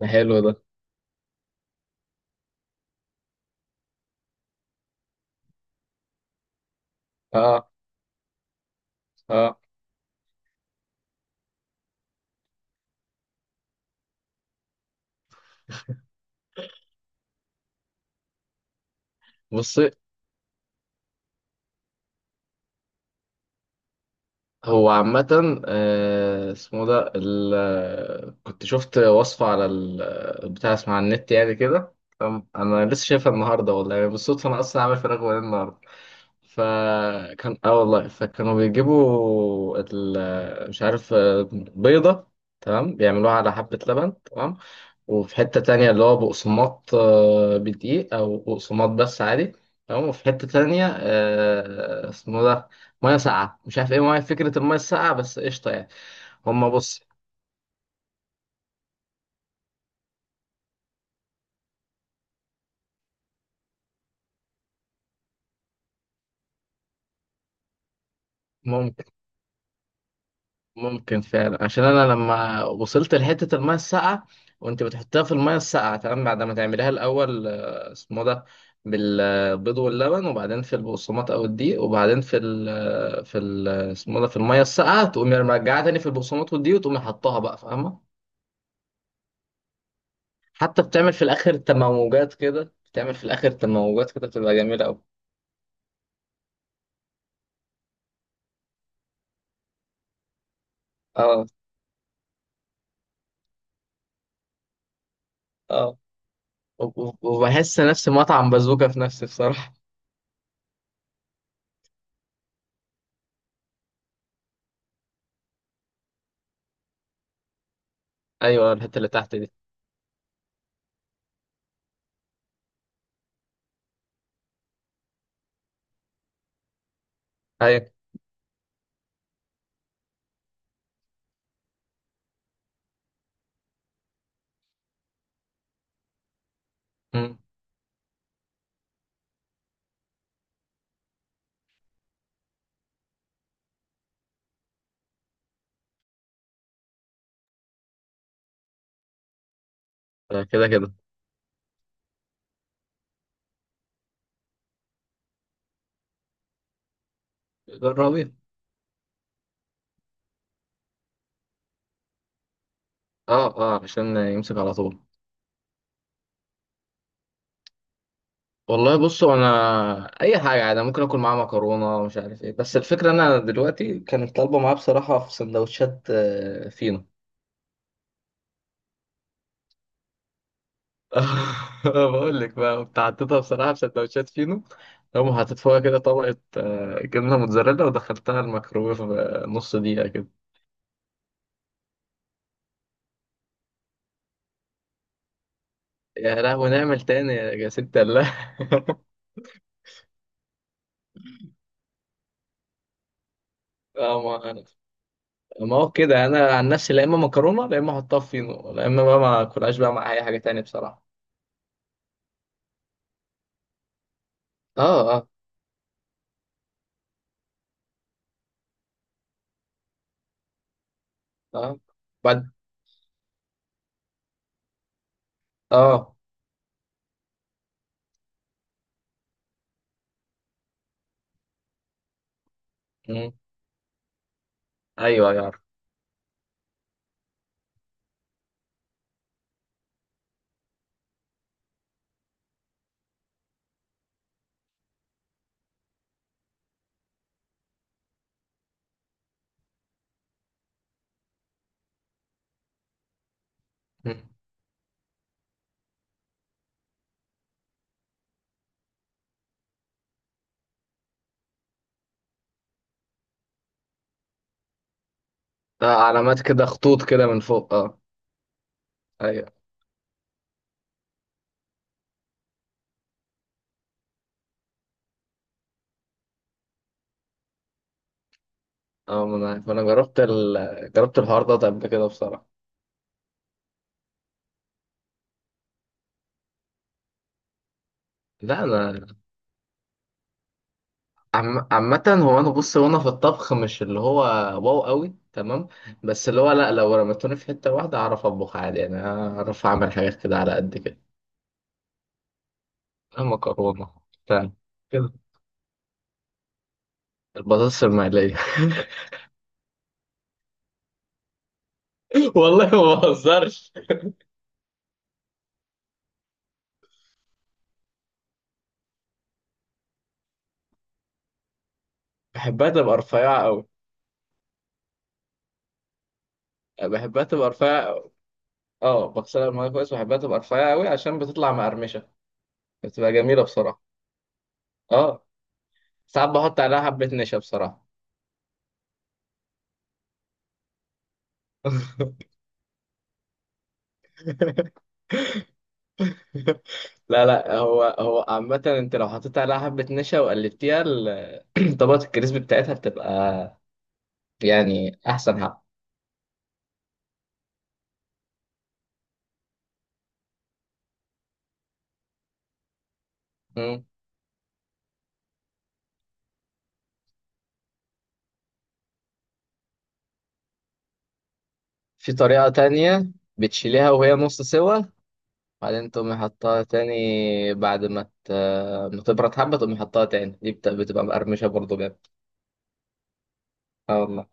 ده حلو ده. اه، اه. بصي، هو عامة اسمه ده كنت شفت وصفة على البتاع، اسمه على النت يعني كده. تمام؟ انا لسه شايفها النهارده، والله يعني بالصدفة، انا اصلا عامل فراخ بانيه النهارده. فكان اه والله، فكانوا بيجيبوا مش عارف، بيضة، تمام، بيعملوها على حبة لبن. تمام. وفي حتة تانية اللي هو بقسماط، بدقيق أو بقسماط بس عادي. تمام. وفي حتة تانية، اسمه ده، مية ساقعة، مش عارف ايه، مية. فكرة المية الساقعة بس قشطة يعني. هما بص، ممكن ممكن فعلا، عشان أنا لما وصلت لحتة المية الساقعة، وأنت بتحطها في المية الساقعة، تمام؟ بعد ما تعمليها الأول، اسمه ده، بالبيض واللبن، وبعدين في البقسماط او الدقيق، وبعدين في ال اسمه ده، في الميه الساقعه، تقومي مرجعه تاني في البقسماط والدقيق، وتقومي حطها بقى. فاهمه؟ حتى بتعمل في الاخر تموجات كده، بتعمل في الاخر تموجات كده، بتبقى جميله قوي. اه، اه. وبحس نفسي مطعم بازوكا في نفسي بصراحه. ايوه، الحته اللي تحت دي. ايوه. أمم. آه، كده كده. جربي. اه، اه، عشان يمسك على طول. والله بصوا، انا اي حاجه عادي. أنا ممكن اكل معاه مكرونه ومش عارف ايه، بس الفكره انا دلوقتي كانت طالبه معاه بصراحه في سندوتشات، فينو. بقول لك بقى، كنت حطيتها بصراحة في سندوتشات فينو، قوم حطيت فوقها كده طبقة جبنة موتزاريلا، ودخلتها الميكرويف نص دقيقة كده. يا لهوي نعمل تاني يا يا ست الله. آه، ما، ما هو كده. أنا عن نفسي، لا إما مكرونة، لا إما أحطها في فينو، لا إما بقى ما أكلهاش بقى مع أي حاجة تانية بصراحة. آه، آه. آه، بعد. آه. مم. أيوه، يا عارف. مم. آه، علامات كده، خطوط كده من فوق. آه. أيوه. اه، ما انا، جربت الحوار ده قبل كده بصراحه. لا انا، عامه هو انا بص، وانا في الطبخ مش اللي هو واو قوي تمام، بس اللي هو لا، لو رميتوني في حته واحده اعرف اطبخ عادي، يعني اعرف اعمل حاجات كده على قد كده. مكرونه، بتاع كده، البطاطس المقليه. والله ما بهزرش. بحبها تبقى رفيعه قوي. بحبها تبقى رفيعه أوي. اه، بغسلها الميه كويس، بحبها تبقى رفيعه قوي عشان بتطلع مقرمشه، بتبقى جميله بصراحه. اه، ساعات بحط عليها حبة نشا بصراحة. لا لا، هو هو عامة، انت لو حطيت عليها حبة نشا وقلبتيها، طبقة الكريسبي بتاعتها بتبقى يعني أحسن حاجة. مم. في طريقة تانية، بتشيليها وهي نص سوا، بعدين تقومي حطها تاني، بعد ما ما تبرد حبة، تقومي حطها تاني. دي بتبقى مقرمشة برضه جامد. اه والله.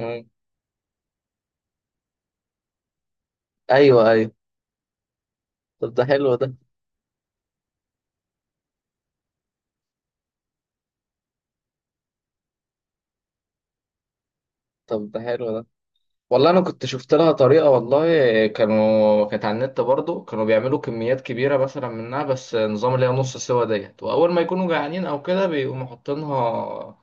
مم. أيوه، أيوه. طب ده حلو ده طب ده حلو ده. والله انا كنت شفت لها طريقه، والله كانت على النت برضو، كانوا بيعملوا كميات كبيره مثلا منها، بس نظام اللي هي نص سوا ديت، واول ما يكونوا جعانين او كده، بيقوموا حاطينها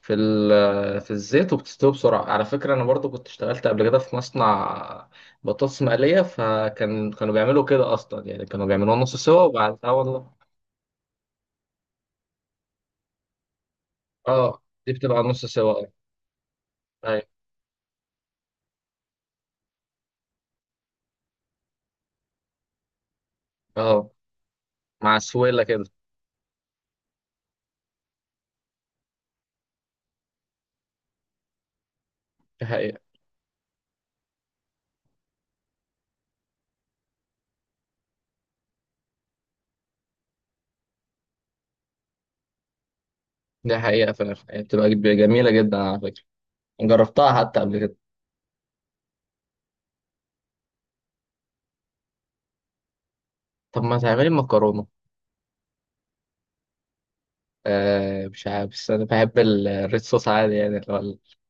في الزيت، وبتستوي بسرعه. على فكره انا برضو كنت اشتغلت قبل كده في مصنع بطاطس مقليه، فكان كانوا بيعملوا كده اصلا، يعني كانوا بيعملوها نص سوا، وبعد اه والله. اه، دي بتبقى نص سوا، اه. أيوة. اه، مع سويله كده. دي حقيقه، فعلا يعني بتبقى جميله جدا على فكره، جربتها حتى قبل كده. طب ما تعملي مكرونة. آه مش عارف، بس أنا بحب الريد صوص عادي، يعني اللي هو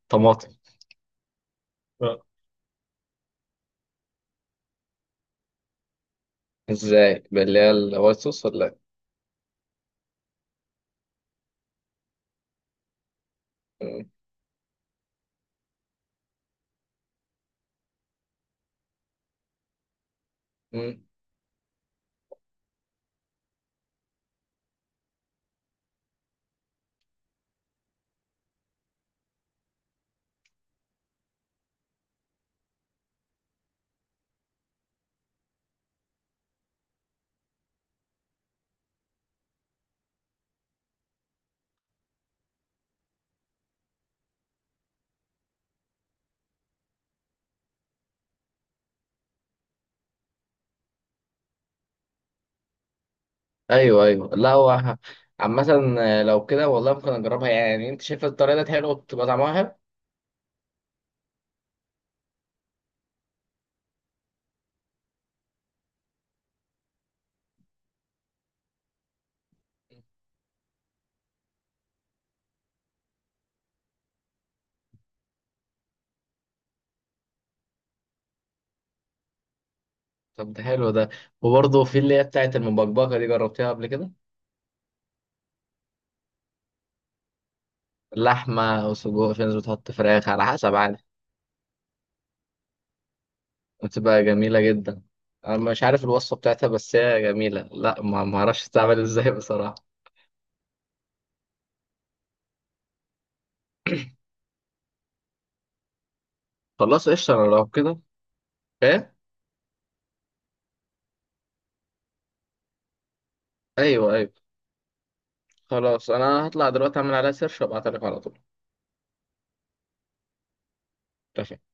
الطماطم. آه. ازاي، اللي هي الوايت صوص ولا؟ إيه؟ مم. ايوه، ايوه. لا هو عامة، لو كده والله ممكن اجربها يعني، انت شايف الطريقة دي حلوة وبتبقى طعمها حلو. طب ده حلو ده. وبرضه في اللي هي بتاعت المبكبكة دي، جربتيها قبل كده؟ لحمة وسجق، في ناس بتحط فراخ، على حسب، عادي. بتبقى جميلة جدا. أنا مش عارف الوصفة بتاعتها، بس هي جميلة، لا ما أعرفش تتعمل إزاي بصراحة. خلاص قشطة، أنا لو كده. إيه. أيوه، أيوه. خلاص، أنا هطلع دلوقتي أعمل عليها سيرش وأبعتها لك على طول. اتفقنا.